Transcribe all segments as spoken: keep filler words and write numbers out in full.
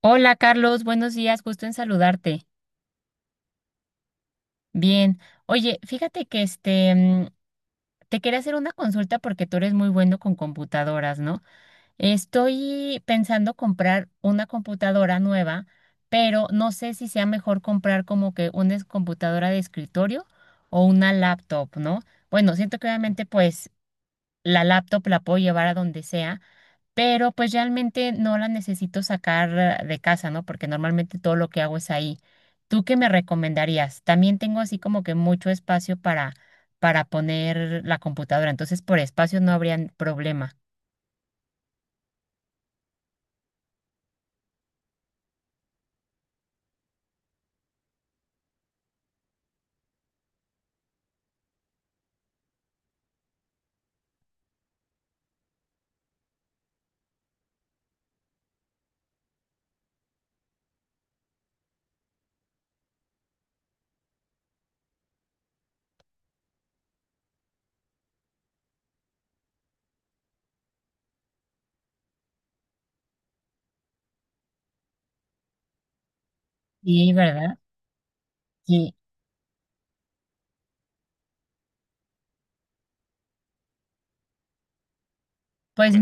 Hola Carlos, buenos días, gusto en saludarte. Bien, oye, fíjate que este, mm, te quería hacer una consulta porque tú eres muy bueno con computadoras, ¿no? Estoy pensando comprar una computadora nueva, pero no sé si sea mejor comprar como que una es- computadora de escritorio o una laptop, ¿no? Bueno, siento que obviamente pues la laptop la puedo llevar a donde sea, pero pues realmente no la necesito sacar de casa, ¿no? Porque normalmente todo lo que hago es ahí. ¿Tú qué me recomendarías? También tengo así como que mucho espacio para, para poner la computadora, entonces por espacio no habría problema. Sí, ¿verdad? Sí. Pues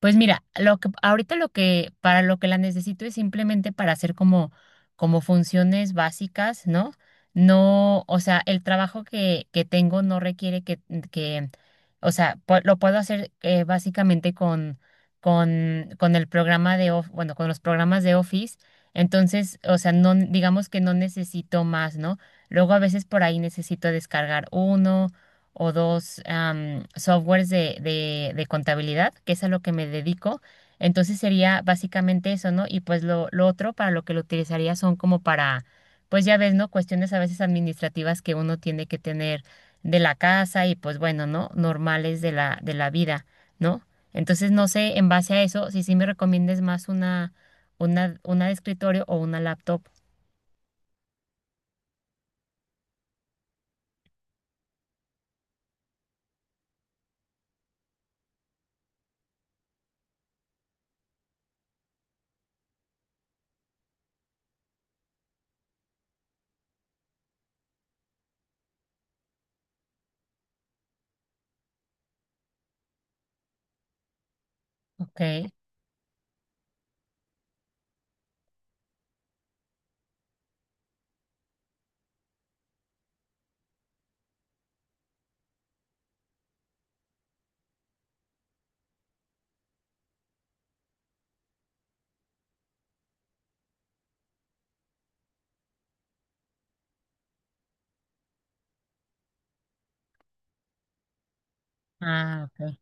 Pues mira, lo que ahorita lo que para lo que la necesito es simplemente para hacer como como funciones básicas, ¿no? No, o sea, el trabajo que que tengo no requiere que que o sea, pu- lo puedo hacer eh, básicamente con con con el programa de Of- bueno, con los programas de Office, entonces, o sea, no digamos que no necesito más, ¿no? Luego a veces por ahí necesito descargar uno o dos am, softwares de, de, de contabilidad, que es a lo que me dedico. Entonces sería básicamente eso, ¿no? Y pues lo, lo otro para lo que lo utilizaría son como para, pues ya ves, ¿no? Cuestiones a veces administrativas que uno tiene que tener de la casa y pues bueno, ¿no? Normales de la, de la vida, ¿no? Entonces no sé, en base a eso, si sí me recomiendes más una, una, una de escritorio o una laptop. Ok. Ah, ok.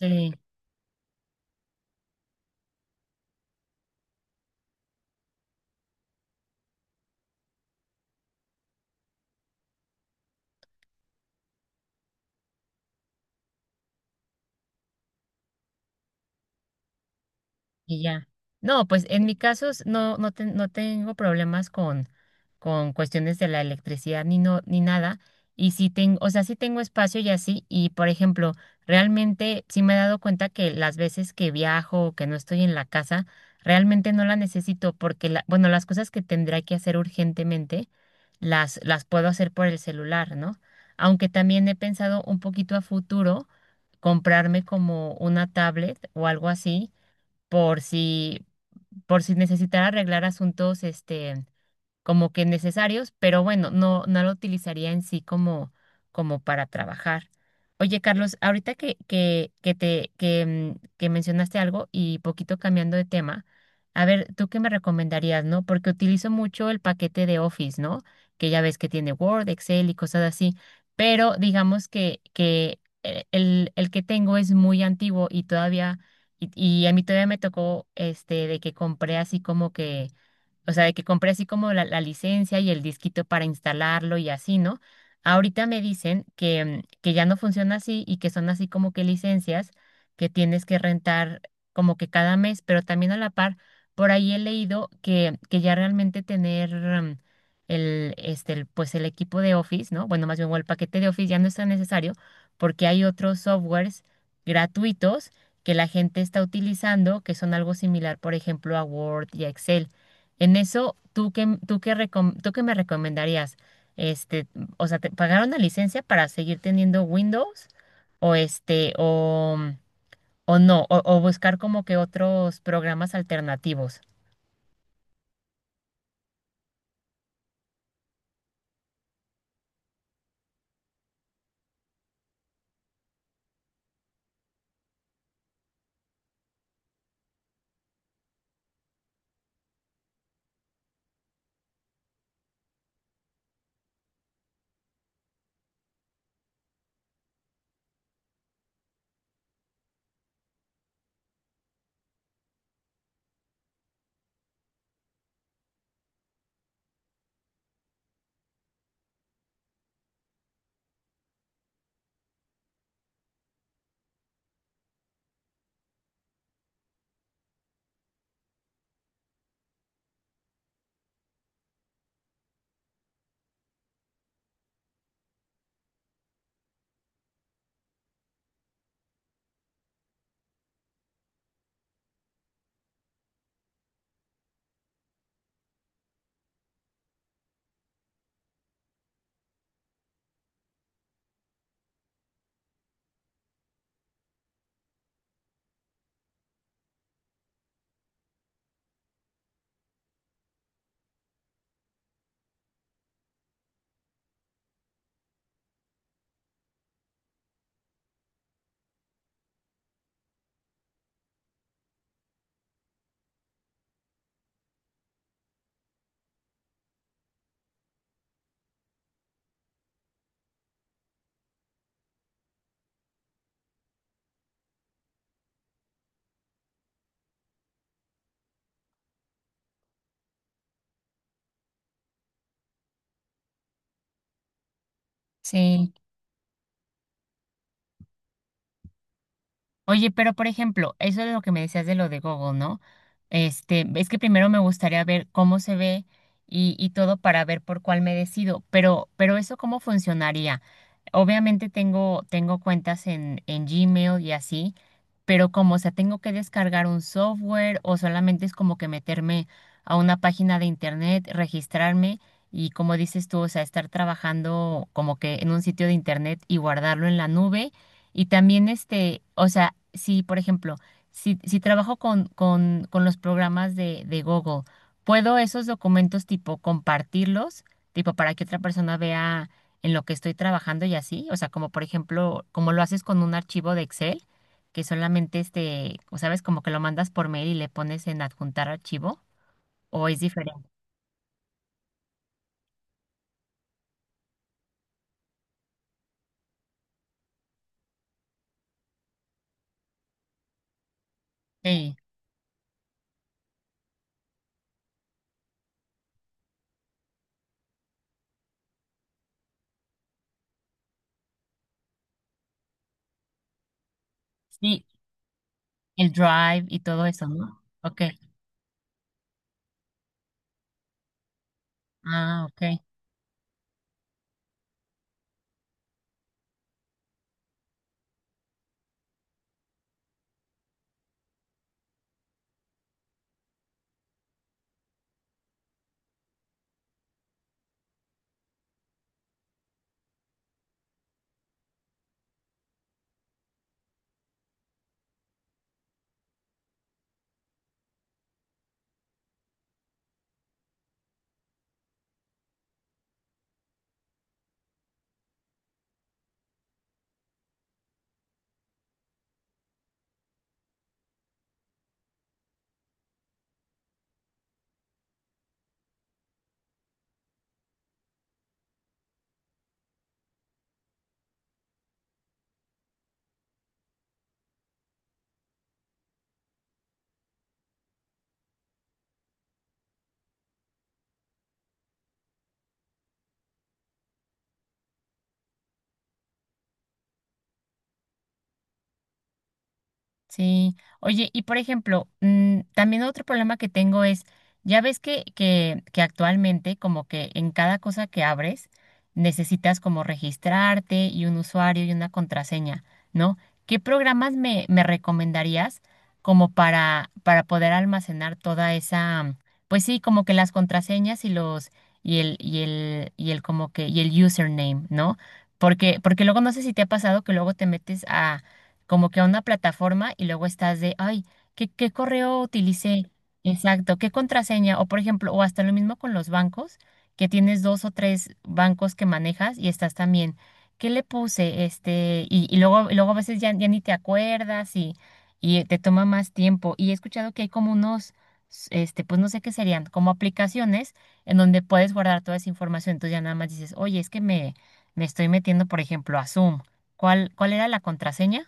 Sí. Y ya. No, pues en mi caso s- no, no, ten- no tengo problemas con, con cuestiones de la electricidad ni no, ni nada. Y sí tengo, o sea, sí tengo espacio y así. Y por ejemplo, realmente sí me he dado cuenta que las veces que viajo o que no estoy en la casa, realmente no la necesito porque la, bueno, las cosas que tendré que hacer urgentemente, las, las puedo hacer por el celular, ¿no? Aunque también he pensado un poquito a futuro comprarme como una tablet o algo así por si, por si necesitara arreglar asuntos, este, como que necesarios, pero bueno, no, no lo utilizaría en sí como, como para trabajar. Oye, Carlos, ahorita que, que, que te, que, mm, que mencionaste algo y poquito cambiando de tema, a ver, ¿tú qué me recomendarías, no? Porque utilizo mucho el paquete de Office, ¿no? Que ya ves que tiene Word, Excel y cosas así, pero digamos que, que eh, el, el que tengo es muy antiguo y todavía, y, y a mí todavía me tocó este de que compré así como que o sea, de que compré así como la, la licencia y el disquito para instalarlo y así, ¿no? Ahorita me dicen que, mm, que ya no funciona así y que son así como que licencias que tienes que rentar como que cada mes, pero también a la par, por ahí he leído que, que ya realmente tener mm, el, este, el, pues el equipo de Office, ¿no? Bueno, más bien o el paquete de Office ya no es tan necesario porque hay otros softwares gratuitos que la gente está utilizando que son algo similar, por ejemplo, a Word y a Excel. En eso, ¿tú qué, tú qué, recom- tú qué me recomendarías? Este, o sea, ¿te pagar una licencia para seguir teniendo Windows? O este, o, o no, o, o buscar como que otros programas alternativos. Sí. Oye, pero por ejemplo, eso es lo que me decías de lo de Google, ¿no? Este, es que primero me gustaría ver cómo se ve y, y todo para ver por cuál me decido, pero, pero eso cómo funcionaría. Obviamente tengo, tengo cuentas en, en Gmail y así, pero como, o sea, tengo que descargar un software o solamente es como que meterme a una página de internet, registrarme y como dices tú, o sea, estar trabajando como que en un sitio de internet y guardarlo en la nube y también este, o sea, si por ejemplo, si, si trabajo con, con, con los programas de, de Google, ¿puedo esos documentos tipo compartirlos, tipo para que otra persona vea en lo que estoy trabajando y así? O sea, como por ejemplo, como lo haces con un archivo de Excel, que solamente este, o sabes, como que lo mandas por mail y le pones en adjuntar archivo, ¿o es diferente? Sí, sí, el Drive y todo eso, ¿no? Ok, ah, ok. Sí, oye, y por ejemplo, mm, también otro problema que tengo es, ya ves que, que, que actualmente como que en cada cosa que abres necesitas como registrarte y un usuario y una contraseña, ¿no? ¿Qué programas me, me recomendarías como para, para poder almacenar toda esa, pues sí, como que las contraseñas y los, y el, y el, y el como que, y el username, ¿no? Porque, porque luego no sé si te ha pasado que luego te metes a como que a una plataforma y luego estás de, ay, ¿qué, qué correo utilicé? Exacto, ¿qué contraseña? O por ejemplo, o hasta lo mismo con los bancos, que tienes dos o tres bancos que manejas y estás también, ¿qué le puse? Este, y, y luego, y luego a veces ya, ya ni te acuerdas y, y te toma más tiempo. Y he escuchado que hay como unos, este, pues no sé qué serían, como aplicaciones en donde puedes guardar toda esa información. Entonces ya nada más dices, oye, es que me, me estoy metiendo, por ejemplo, a Zoom. ¿Cuál, cuál era la contraseña?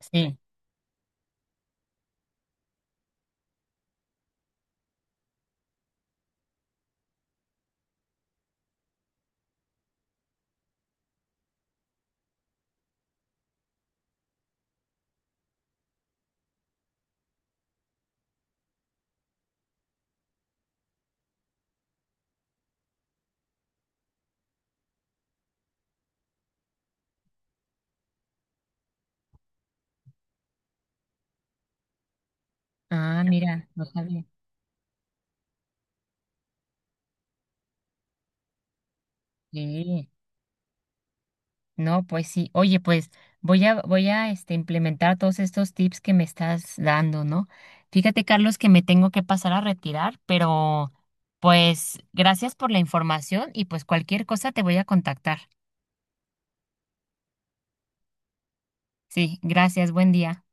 Sí. Ah, mira, no sabía. Sí. No, pues sí. Oye, pues voy a, voy a este, implementar todos estos tips que me estás dando, ¿no? Fíjate, Carlos, que me tengo que pasar a retirar, pero pues gracias por la información y pues cualquier cosa te voy a contactar. Sí, gracias, buen día.